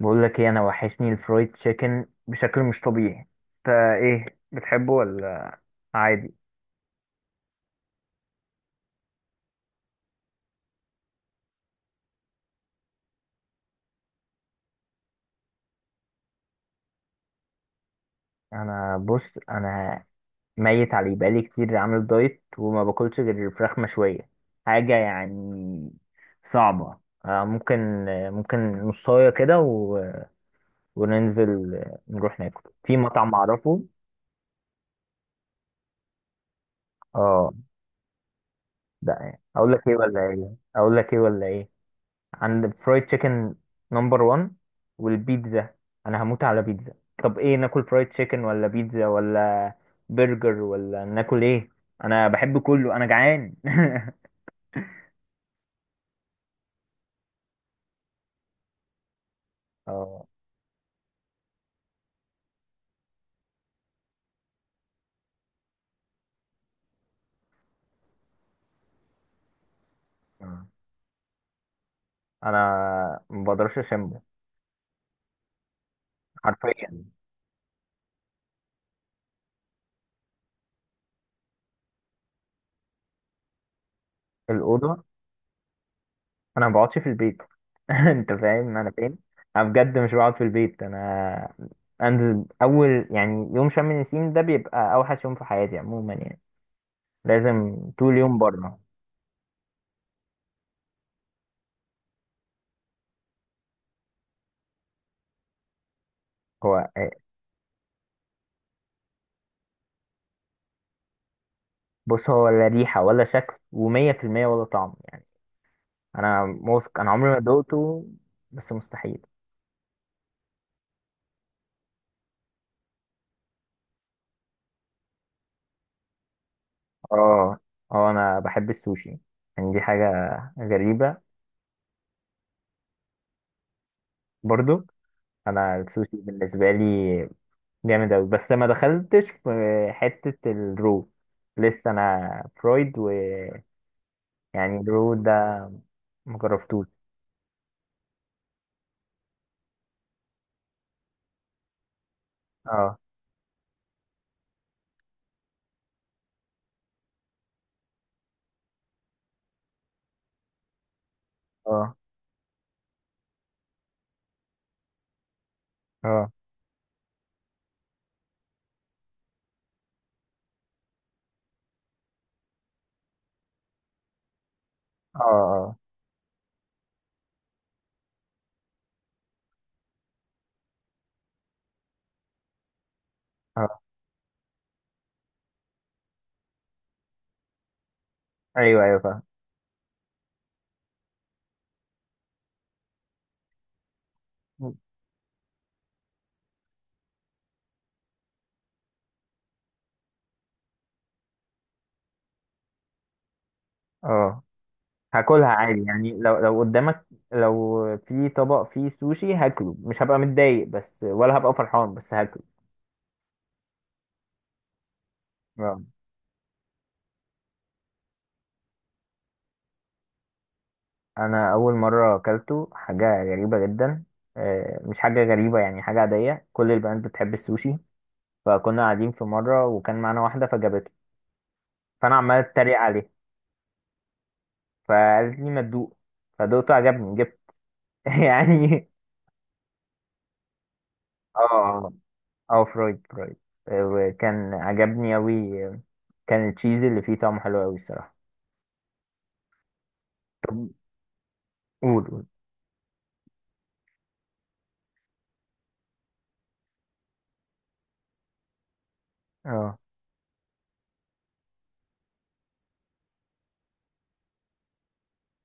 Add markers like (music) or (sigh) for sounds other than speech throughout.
بقول لك ايه؟ انا وحشني الفرايد تشيكن بشكل مش طبيعي. انت ايه، بتحبه ولا عادي؟ انا، بص، انا ميت عليه بقالي كتير، عامل دايت وما باكلش غير فراخ مشويه. حاجه يعني صعبه. ممكن نصايه كده و... وننزل، نروح ناكل في مطعم اعرفه. اه. ده ايه، اقول لك ايه ولا ايه اقول لك ايه ولا ايه؟ عند الفرايد تشيكن نمبر 1 والبيتزا، انا هموت على بيتزا. طب ايه، ناكل فرايد تشيكن ولا بيتزا ولا برجر ولا ناكل ايه؟ انا بحب كله، انا جعان. (laughs) اه. آه. انا ما بقدرش اشم، حرفيا. الاوضه. انا ما بقعدش في البيت. (laughs) انت فاهم انا فين؟ انا بجد مش بقعد في البيت، انا انزل. اول يعني يوم شم النسيم ده بيبقى اوحش يوم في حياتي عموما، يعني لازم طول يوم بره. هو بص، هو لا ريحة ولا شكل، ومية في المية ولا طعم يعني. أنا موثق، أنا عمري ما دقته. بس مستحيل. اه. اه. أنا بحب السوشي، يعني دي حاجة غريبة. برضو أنا السوشي بالنسبة لي جامد أوي، بس ما دخلتش في حتة الرو. لسه أنا فرويد ويعني الرو ده مجربتوش. اه. اه. اه. اه. اه. آه. أيوه أيوه، فاهم. اه. هاكلها عادي يعني، لو قدامك، لو في طبق فيه سوشي هاكله، مش هبقى متضايق بس، ولا هبقى فرحان، بس هاكله. آه. انا اول مره اكلته حاجه غريبه جدا. مش حاجه غريبه، يعني حاجه عاديه، كل البنات بتحب السوشي. فكنا قاعدين في مره وكان معانا واحده فجابته، فانا عمال اتريق عليه. فقالت لي ما تدوق، فدوقته عجبني، جبت. (laughs) يعني. اه. اه. فرويد فرويد. وكان عجبني اوي، آه. كان التشيز اللي فيه طعمه حلو اوي الصراحه. قول قول. اه.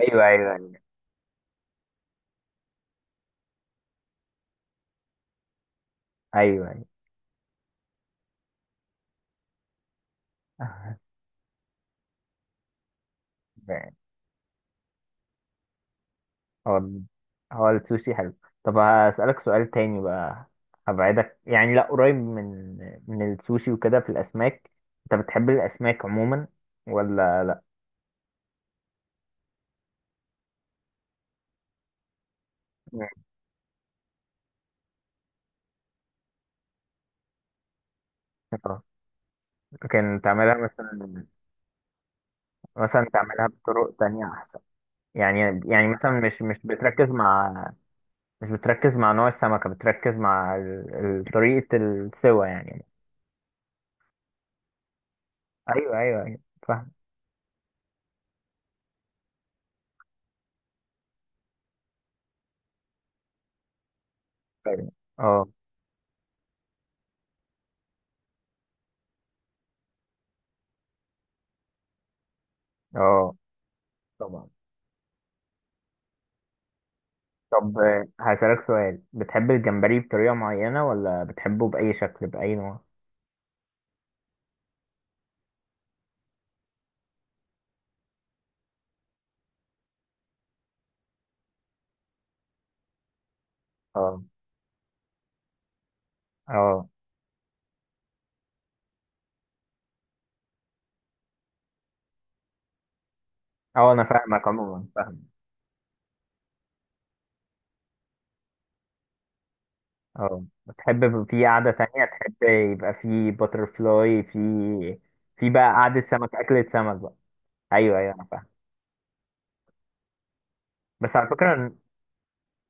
ايوه ايوه ايوه. ايوه ايوه. (laughs) هو. هو السوشي حلو. طب هسألك سؤال تاني بقى. هبعدك يعني لا، قريب من السوشي وكده، في الأسماك. أنت بتحب الأسماك عموما ولا لا؟ مم. اه. لكن تعملها مثلا تعملها بطرق تانية أحسن يعني. يعني مثلا مش بتركز مع، مش بتركز مع نوع السمكة، بتركز مع طريقة السوى يعني. أيوه أيوه أيوه، فاهم. طيب. اه اه. طبعا. طب هسألك سؤال، بتحب الجمبري بطريقة معينة ولا بتحبه بأي شكل بأي نوع؟ اه. اه. اه انا فاهمك عموما، فاهم. اه بتحب في قعدة تانية، تحب يبقى في باتر فلاي، في، في بقى قعدة سمك، أكلة سمك بقى. أيوه أيوه، أنا فاهم. بس على فكرة،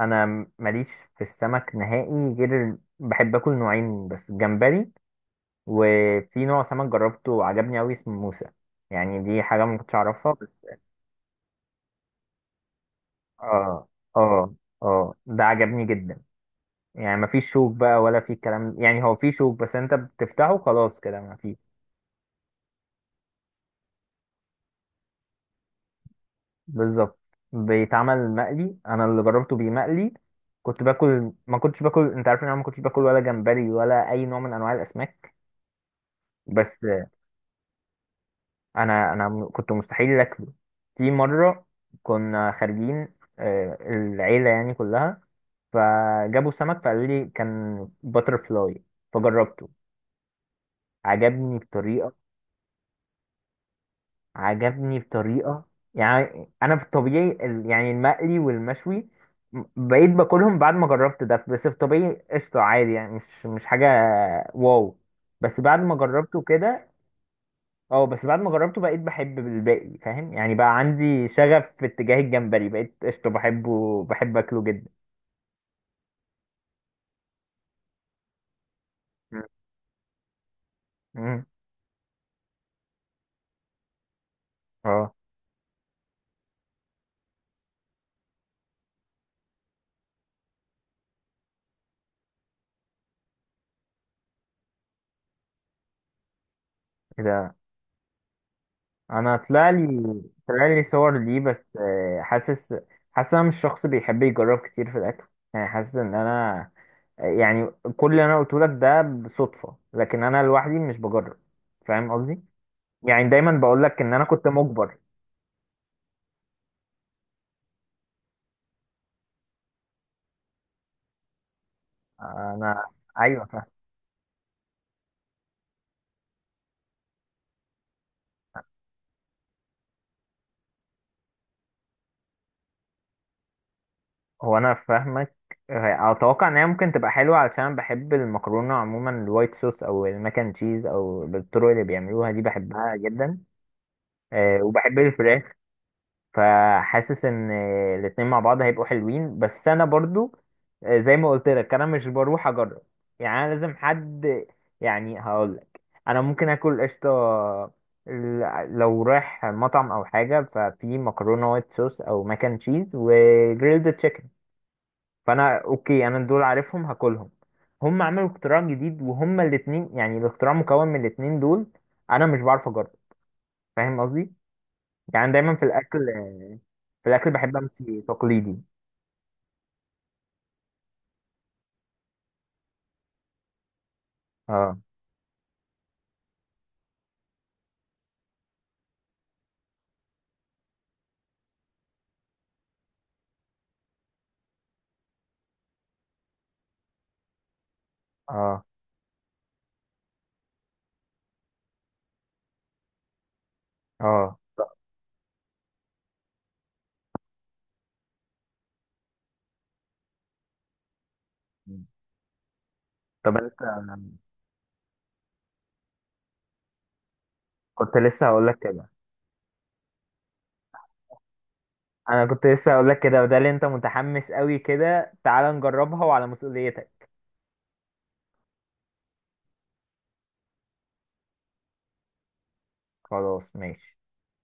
أنا ماليش في السمك نهائي، غير بحب آكل نوعين بس، جمبري وفي نوع سمك جربته وعجبني أوي اسمه موسى. يعني دي حاجة ما كنتش أعرفها. اه. اه. اه ده عجبني جدا. يعني مفيش شوك بقى ولا في كلام، يعني هو في شوك بس انت بتفتحه خلاص كده مفيش. بالظبط. بيتعمل مقلي، انا اللي جربته بمقلي. كنت باكل، ما كنتش باكل، انت عارف ان انا ما كنتش باكل ولا جمبري ولا اي نوع من انواع الاسماك. بس انا كنت مستحيل اكله. في مره كنا خارجين، العيله يعني كلها، فجابوا سمك فقالوا لي كان باتر فلاي، فجربته عجبني بطريقة، عجبني بطريقة يعني. أنا في الطبيعي يعني المقلي والمشوي، بقيت باكلهم بعد ما جربت ده. بس في الطبيعي قشطة عادي، يعني مش حاجة واو. بس بعد ما جربته كده، اه بس بعد ما جربته بقيت بحب الباقي، فاهم يعني، بقى عندي شغف في اتجاه الجمبري، بقيت قشطة بحبه، بحب أكله جدا. مم. مم. اه. إيه ده؟ أنا طلع لي صور ليه، بس حاسس أنا مش شخص بيحب يجرب كتير في الأكل. يعني حاسس إن أنا، يعني كل اللي انا قلته لك ده بصدفه، لكن انا لوحدي مش بجرب، فاهم قصدي؟ يعني دايما بقول لك ان انا كنت مجبر. انا. ايوه فاهم. هو انا فاهمك، اتوقع ان هي ممكن تبقى حلوه علشان أنا بحب المكرونه عموما، الوايت صوص او الماك اند تشيز، او بالطرق اللي بيعملوها دي بحبها جدا. أه وبحب الفراخ. فحاسس ان الاتنين مع بعض هيبقوا حلوين، بس انا برضو زي ما قلت لك انا مش بروح اجرب، يعني انا لازم حد. يعني هقول لك، انا ممكن اكل قشطه لو رايح مطعم او حاجه، ففي مكرونه وايت صوص او ماكن تشيز وجريلد تشيكن، فانا اوكي، انا دول عارفهم هاكلهم. هم عملوا اختراع جديد، وهم الاتنين يعني الاختراع مكون من الاتنين دول، انا مش بعرف اجرب، فاهم قصدي؟ يعني دايما في الاكل، في الاكل بحب امشي تقليدي. اه. اه. اه. مم. طب انت. كنت لسه هقول لك كده. انا كنت لسه هقول لك كده، وده اللي انت متحمس قوي كده، تعال نجربها وعلى مسؤوليتك. خلاص ماشي